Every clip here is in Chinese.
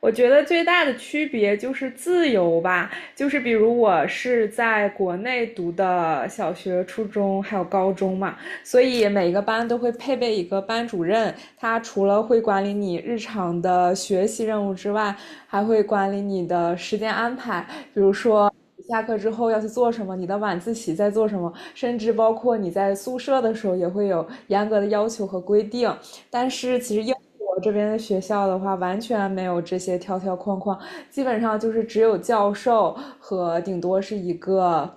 我觉得最大的区别就是自由吧，就是比如我是在国内读的小学、初中还有高中嘛，所以每个班都会配备一个班主任，他除了会管理你日常的学习任务之外，还会管理你的时间安排，比如说，下课之后要去做什么，你的晚自习在做什么，甚至包括你在宿舍的时候也会有严格的要求和规定。但是其实英国这边的学校的话，完全没有这些条条框框，基本上就是只有教授和顶多是一个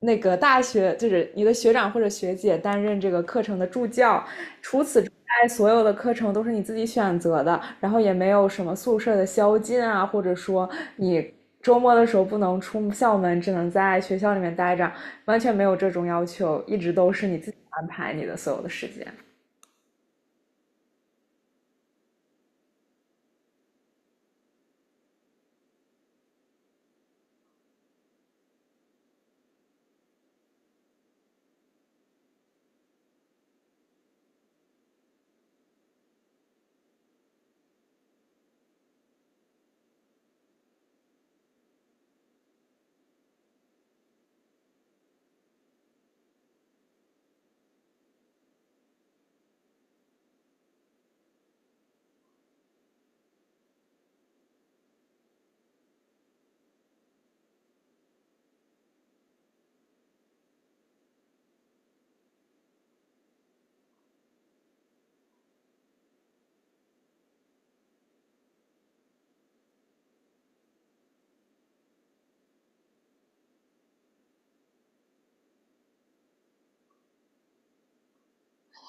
那个大学，就是你的学长或者学姐担任这个课程的助教，除此之外，所有的课程都是你自己选择的，然后也没有什么宿舍的宵禁啊，或者说你。周末的时候不能出校门，只能在学校里面待着，完全没有这种要求，一直都是你自己安排你的所有的时间。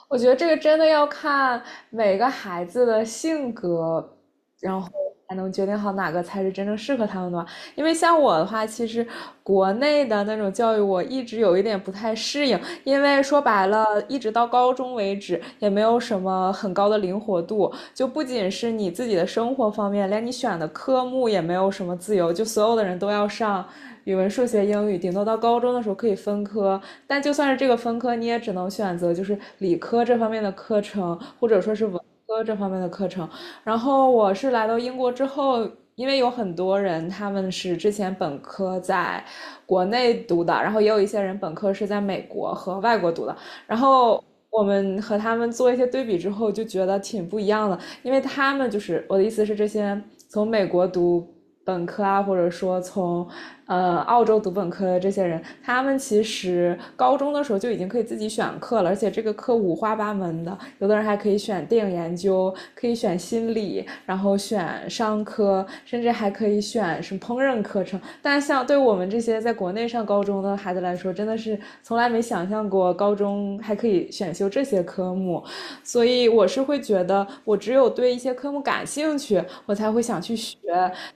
我觉得这个真的要看每个孩子的性格，然后才能决定好哪个才是真正适合他们的吧。因为像我的话，其实国内的那种教育我一直有一点不太适应，因为说白了，一直到高中为止也没有什么很高的灵活度，就不仅是你自己的生活方面，连你选的科目也没有什么自由，就所有的人都要上语文、数学、英语，顶多到高中的时候可以分科，但就算是这个分科，你也只能选择就是理科这方面的课程，或者说是文科这方面的课程。然后我是来到英国之后，因为有很多人他们是之前本科在国内读的，然后也有一些人本科是在美国和外国读的，然后。我们和他们做一些对比之后，就觉得挺不一样的，因为他们就是我的意思是，这些从美国读本科啊，或者说从澳洲读本科的这些人，他们其实高中的时候就已经可以自己选课了，而且这个课五花八门的，有的人还可以选电影研究，可以选心理，然后选商科，甚至还可以选什么烹饪课程。但像对我们这些在国内上高中的孩子来说，真的是从来没想象过高中还可以选修这些科目。所以我是会觉得，我只有对一些科目感兴趣，我才会想去学。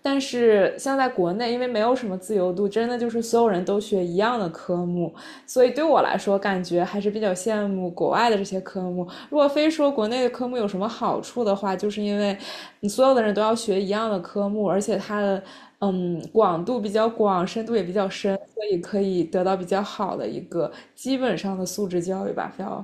但是像在国内，因为没有什么自由度，真的就是所有人都学一样的科目，所以对我来说，感觉还是比较羡慕国外的这些科目。如果非说国内的科目有什么好处的话，就是因为你所有的人都要学一样的科目，而且它的。嗯，广度比较广，深度也比较深，所以可以得到比较好的一个基本上的素质教育吧。比要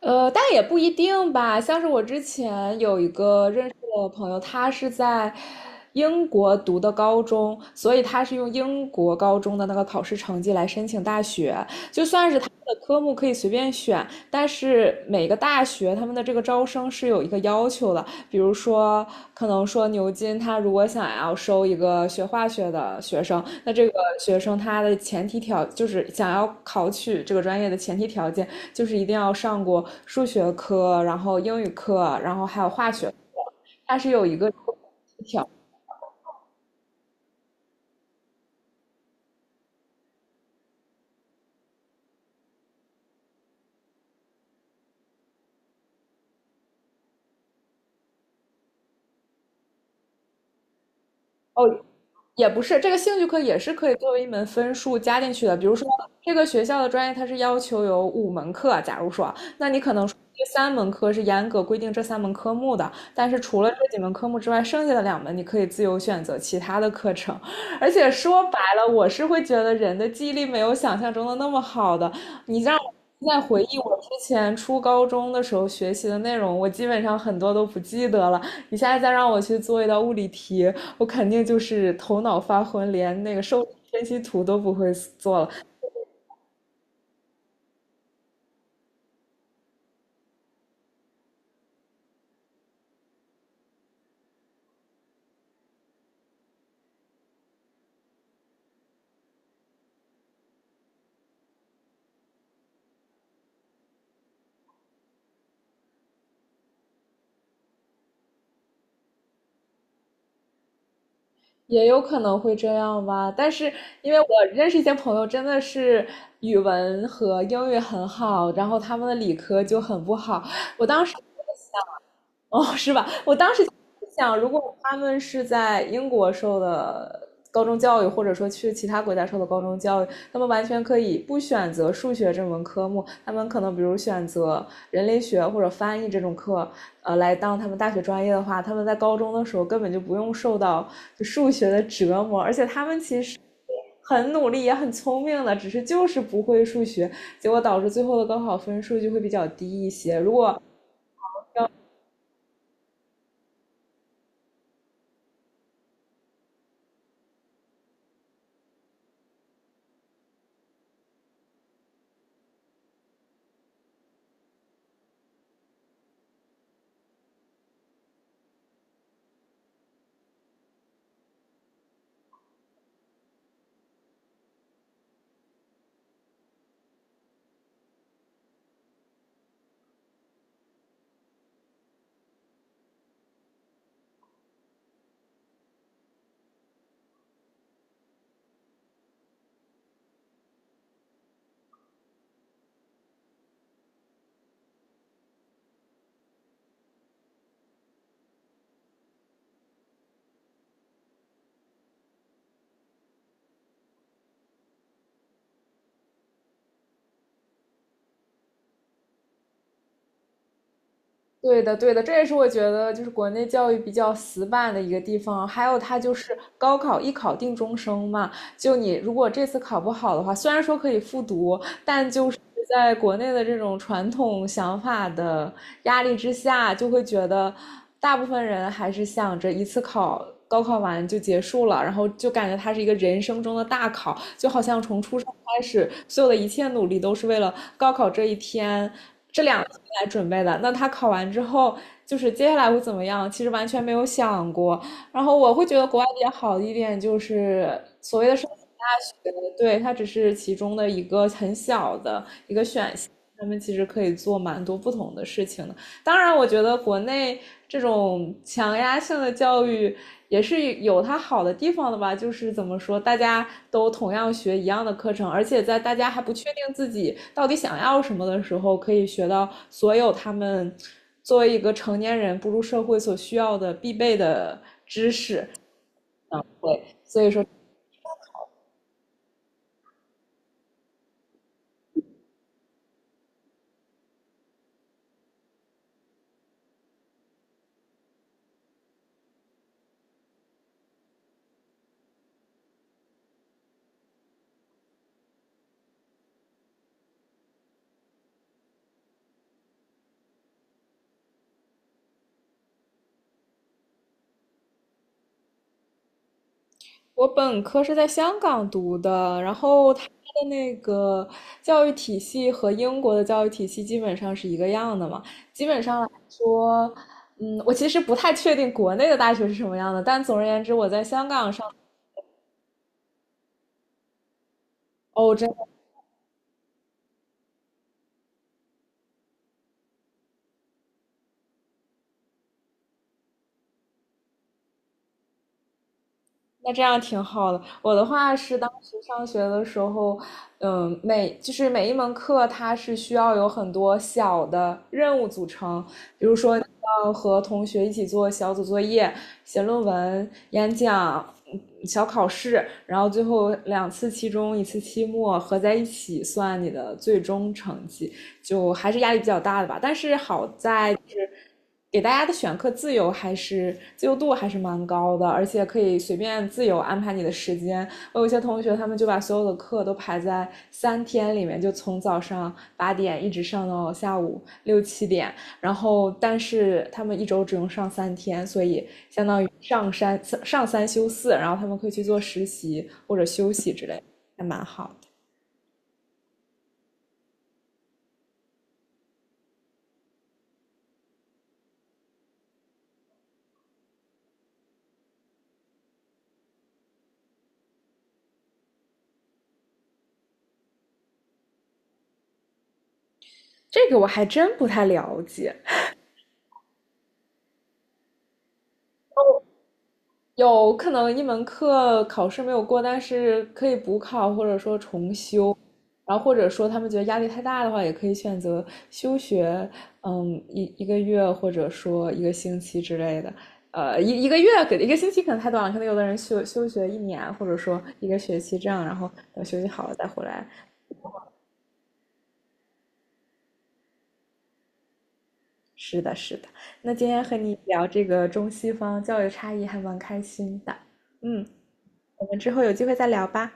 呃，但也不一定吧。像是我之前有一个认识的朋友，他是在英国读的高中，所以他是用英国高中的那个考试成绩来申请大学。就算是他的科目可以随便选，但是每个大学他们的这个招生是有一个要求的，比如说，可能说牛津他如果想要收一个学化学的学生，那这个学生他的前提条就是想要考取这个专业的前提条件就是一定要上过数学科，然后英语课，然后还有化学课，它是有一个哦，也不是，这个兴趣课也是可以作为一门分数加进去的。比如说，这个学校的专业它是要求有五门课，假如说，那你可能说这三门课是严格规定这三门科目的，但是除了这几门科目之外，剩下的两门你可以自由选择其他的课程。而且说白了，我是会觉得人的记忆力没有想象中的那么好的。你让我现在回忆我之前初高中的时候学习的内容，我基本上很多都不记得了。你现在再让我去做一道物理题，我肯定就是头脑发昏，连那个受力分析图都不会做了，也有可能会这样吧。但是因为我认识一些朋友，真的是语文和英语很好，然后他们的理科就很不好。我当时就在想，哦，是吧？我当时想，如果他们是在英国受的高中教育，或者说去其他国家受的高中教育，他们完全可以不选择数学这门科目，他们可能比如选择人类学或者翻译这种课，来当他们大学专业的话，他们在高中的时候根本就不用受到就数学的折磨，而且他们其实很努力也很聪明的，只是就是不会数学，结果导致最后的高考分数就会比较低一些。对的，对的，这也是我觉得就是国内教育比较死板的一个地方。还有它就是高考一考定终生嘛，就你如果这次考不好的话，虽然说可以复读，但就是在国内的这种传统想法的压力之下，就会觉得大部分人还是想着一次考。高考完就结束了，然后就感觉它是一个人生中的大考，就好像从出生开始，所有的一切努力都是为了高考这一天、这两天来准备的。那他考完之后，就是接下来会怎么样？其实完全没有想过。然后我会觉得国外比较好的一点就是所谓的申请大学，对，它只是其中的一个很小的一个选项，他们其实可以做蛮多不同的事情的。当然，我觉得国内这种强压性的教育也是有它好的地方的吧，就是怎么说，大家都同样学一样的课程，而且在大家还不确定自己到底想要什么的时候，可以学到所有他们作为一个成年人步入社会所需要的必备的。对，我本科是在香港读的，然后它的那个教育体系和英国的教育体系基本上是一个样的嘛。基本上来说，我其实不太确定国内的大学是什么样的，但总而言之，我在香港上，哦，真那这样挺好的。我的话是当时上学的时候，嗯，每就是每一门课它是需要有很多小的任务组成，比如说要和同学一起做小组作业、写论文、演讲、嗯小考试，然后最后两次期中，一次期末合在一起算你的最终成绩。就还是压力比较大的吧。但是好在就是给大家的选课自由还是自由度还是蛮高的，而且可以随便自由安排你的时间。我有一些同学他们就把所有的课都排在三天里面，就从早上八点一直上到下午六七点，然后但是他们一周只用上三天，所以相当于上三上三休四，然后他们可以去做实习或者休息之类的还蛮好的。这个我还真不太了解，有可能一门课考试没有过，但是可以补考或者说重修，然后或者说他们觉得压力太大的话，也可以选择休学，嗯，一个月或者说一个星期之类的。呃，一个月给一个星期可能太短了，可能有的人休学一年，或者说一个学期这样，然后等休息好了再回来。是的，是的。那今天和你聊这个中西方教育差异还蛮开心的，嗯，我们之后有机会再聊吧。